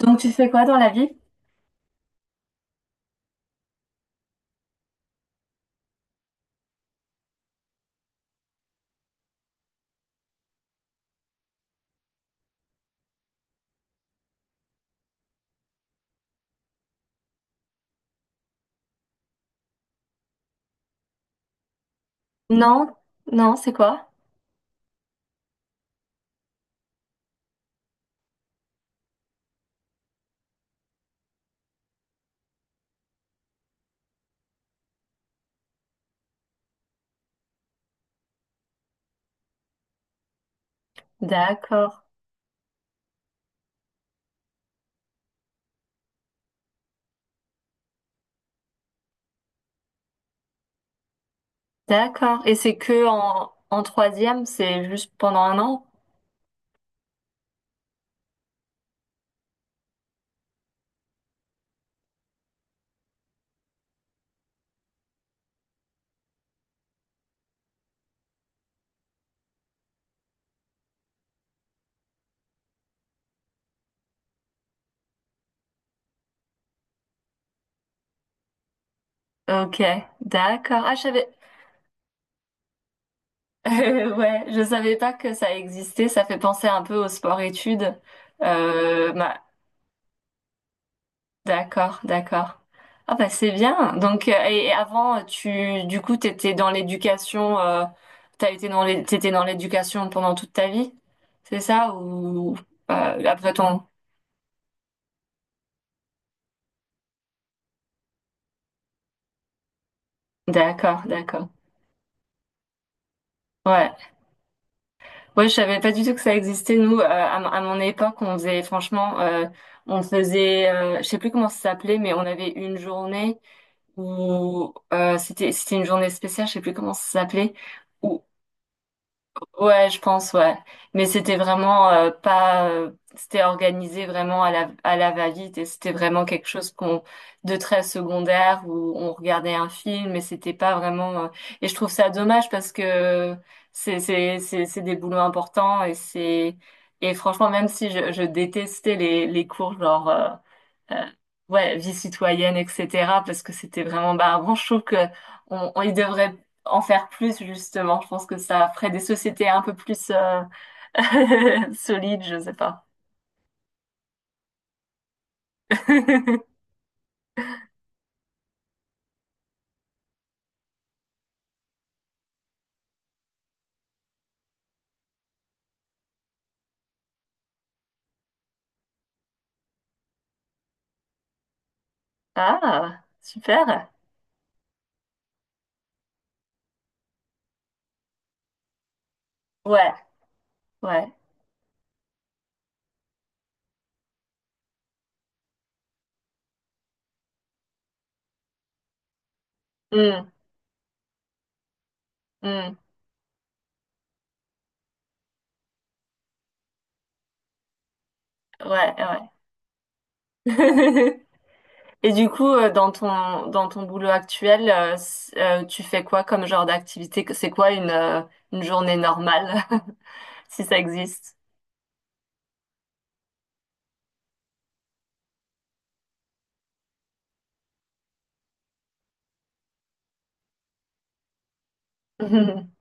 Donc tu fais quoi dans la vie? Non, non, c'est quoi? D'accord, d'accord. Et c'est que en troisième, c'est juste pendant un an? Ok, d'accord. Ah, je savais. Ouais, je savais pas que ça existait. Ça fait penser un peu au sport-études. Bah, d'accord, d'accord. Ah bah c'est bien. Donc et avant, du coup, t'étais dans l'éducation. T'étais dans l'éducation pendant toute ta vie, c'est ça? Ou après ton... D'accord, d'accord. Ouais, ouais, je savais pas du tout que ça existait. Nous, à mon époque, on faisait, franchement, on faisait, je sais plus comment ça s'appelait, mais on avait une journée où c'était une journée spéciale, je sais plus comment ça s'appelait, où... Ouais, je pense, ouais. Mais c'était vraiment pas, c'était organisé vraiment à la va-vite et c'était vraiment quelque chose qu'on... de très secondaire où on regardait un film et c'était pas vraiment. Et je trouve ça dommage parce que c'est des boulots importants et c'est... et franchement même si je détestais les cours genre euh, ouais, vie citoyenne, etc. Parce que c'était vraiment barbant. Je trouve que on y devrait en faire plus, justement. Je pense que ça ferait des sociétés un peu plus solides, je sais pas. Ah, super. Ouais, ouais. Hmm, hmm, ouais, ouais. Et du coup, dans ton boulot actuel, tu fais quoi comme genre d'activité? C'est quoi une journée normale, si ça existe?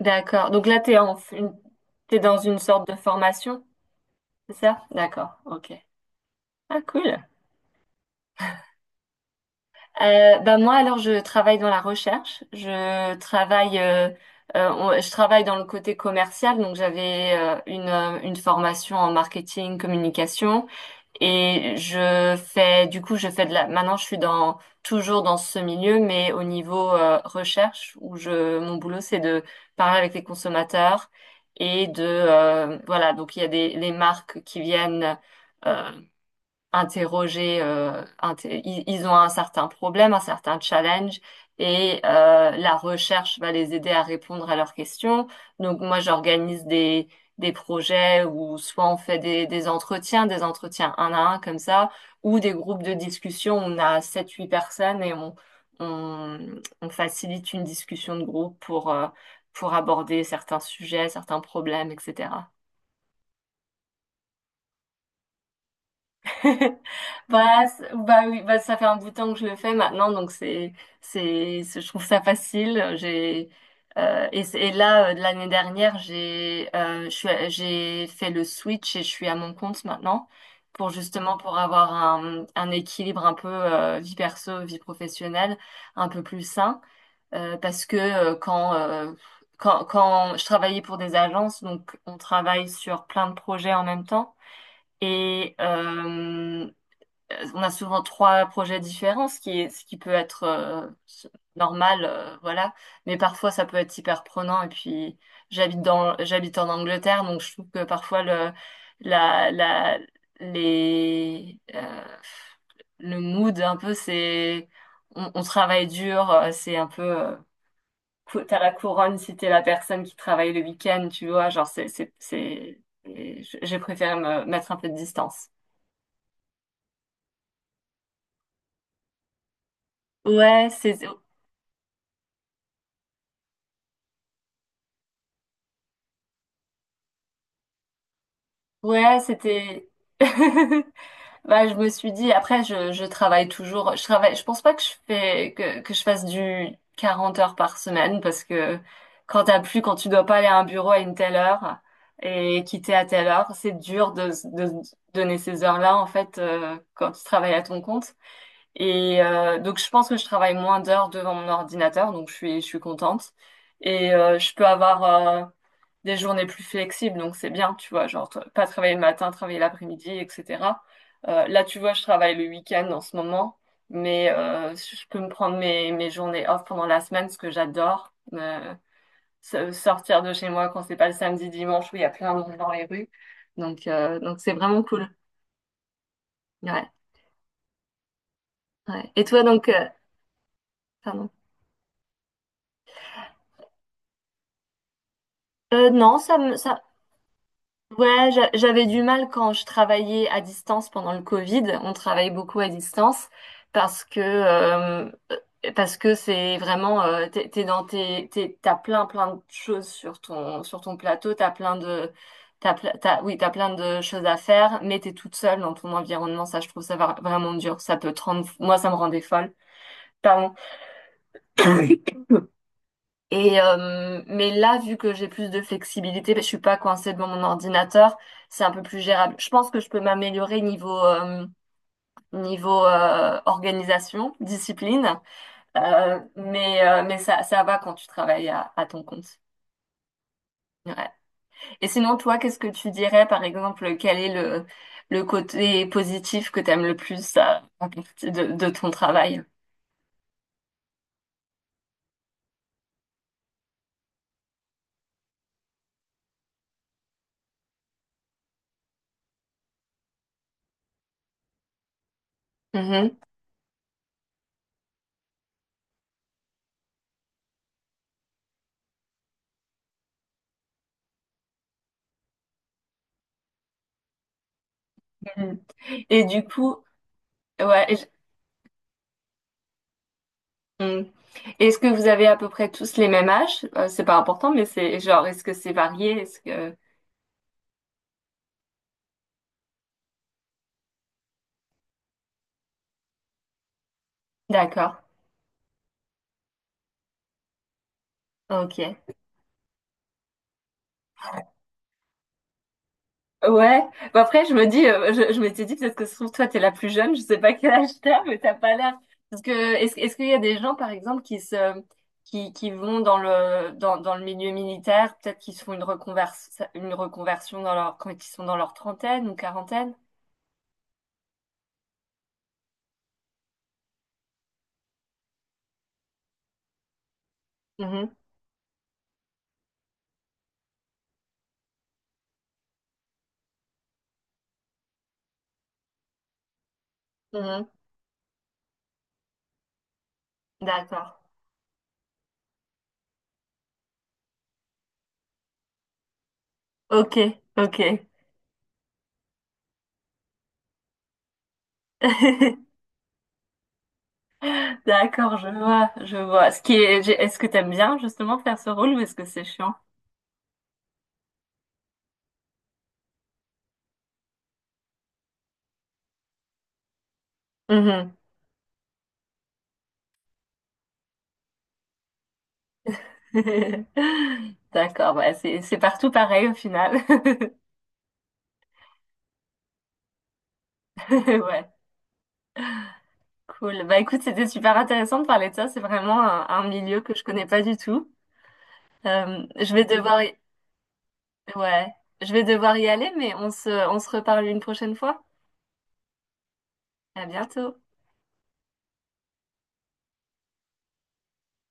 D'accord. Donc là, t'es dans une sorte de formation, c'est ça? D'accord. Ok. Ah, cool. Bah moi, alors, je travaille dans la recherche. Je travaille dans le côté commercial. Donc, j'avais une formation en marketing, communication. Et je fais maintenant toujours dans ce milieu, mais au niveau recherche, où mon boulot, c'est de parler avec les consommateurs et voilà, donc il y a des, les marques qui viennent euh, ils ont un certain problème, un certain challenge, et la recherche va les aider à répondre à leurs questions. Donc moi, j'organise des projets où soit on fait des entretiens un à un comme ça, ou des groupes de discussion, on a sept huit personnes et on, on facilite une discussion de groupe pour aborder certains sujets, certains problèmes, etc. Bah, bah oui, bah ça fait un bout de temps que je le fais maintenant, donc je trouve ça facile. Et là, de l'année dernière, j'ai fait le switch et je suis à mon compte maintenant, pour avoir un équilibre un peu vie perso, vie professionnelle, un peu plus sain, parce que quand je travaillais pour des agences, donc on travaille sur plein de projets en même temps. Et, on a souvent trois projets différents, ce qui peut être normal, voilà. Mais parfois, ça peut être hyper prenant. Et puis, j'habite en Angleterre, donc je trouve que parfois la, la, les, le mood un peu, c'est, on travaille dur, c'est un peu, t'as la couronne si t'es la personne qui travaille le week-end, tu vois. Genre, j'ai préféré me mettre un peu de distance. Ouais, c'est... Ouais, c'était. Bah, je me suis dit, après, je travaille toujours. Je pense pas que que je fasse du 40 heures par semaine, parce que quand tu dois pas aller à un bureau à une telle heure et quitter à telle heure, c'est dur de donner ces heures-là, en fait, quand tu travailles à ton compte. Donc, je pense que je travaille moins d'heures devant mon ordinateur, donc je suis contente. Je peux avoir des journées plus flexibles, donc c'est bien, tu vois, genre pas travailler le matin, travailler l'après-midi, etc. Là, tu vois, je travaille le week-end en ce moment, mais je peux me prendre mes journées off pendant la semaine, ce que j'adore. Sortir de chez moi quand c'est pas le samedi, dimanche, où il y a plein de monde dans les rues. Donc c'est vraiment cool. Ouais, ouais. Et toi, donc, pardon. Non, ça... Ouais, j'avais du mal quand je travaillais à distance pendant le Covid. On travaille beaucoup à distance parce que euh, parce que c'est vraiment t'es t'as plein plein de choses sur ton plateau. T'as plein de t'as, ple- t'as- oui, t'as plein de choses à faire, mais t'es toute seule dans ton environnement. Ça, je trouve ça vraiment dur. Ça peut te rendre, moi ça me rendait folle. Pardon. Mais là, vu que j'ai plus de flexibilité, ben, je suis pas coincée devant mon ordinateur, c'est un peu plus gérable. Je pense que je peux m'améliorer niveau organisation, discipline. Mais ça ça va quand tu travailles à ton compte. Ouais. Et sinon, toi, qu'est-ce que tu dirais, par exemple, quel est le côté positif que tu aimes le plus à à partir de ton travail? Mhm. Mhm. Et du coup, ouais, mm. Est-ce que vous avez à peu près tous les mêmes âges? C'est pas important, mais c'est genre, est-ce que c'est varié? Est-ce que... D'accord, ok. Ouais, bah après je me dis, je m'étais dit peut-être que se trouve toi t'es la plus jeune, je sais pas quel âge t'as, mais t'as pas l'air. Parce que est-ce qu'il y a des gens par exemple qui vont dans dans le milieu militaire, peut-être qu'ils se font une reconversion quand ils sont dans leur trentaine ou quarantaine? Mhm, mhm. D'accord. Ok, ok. D'accord, je vois, je vois. Ce qui est, j'ai- Est-ce que t'aimes bien justement faire ce rôle ou est-ce que c'est chiant? D'accord, bah c'est partout pareil au final. Ouais, cool. Bah écoute, c'était super intéressant de parler de ça. C'est vraiment un milieu que je connais pas du tout. Je vais devoir y... ouais, je vais devoir y aller, mais on se reparle une prochaine fois. À bientôt.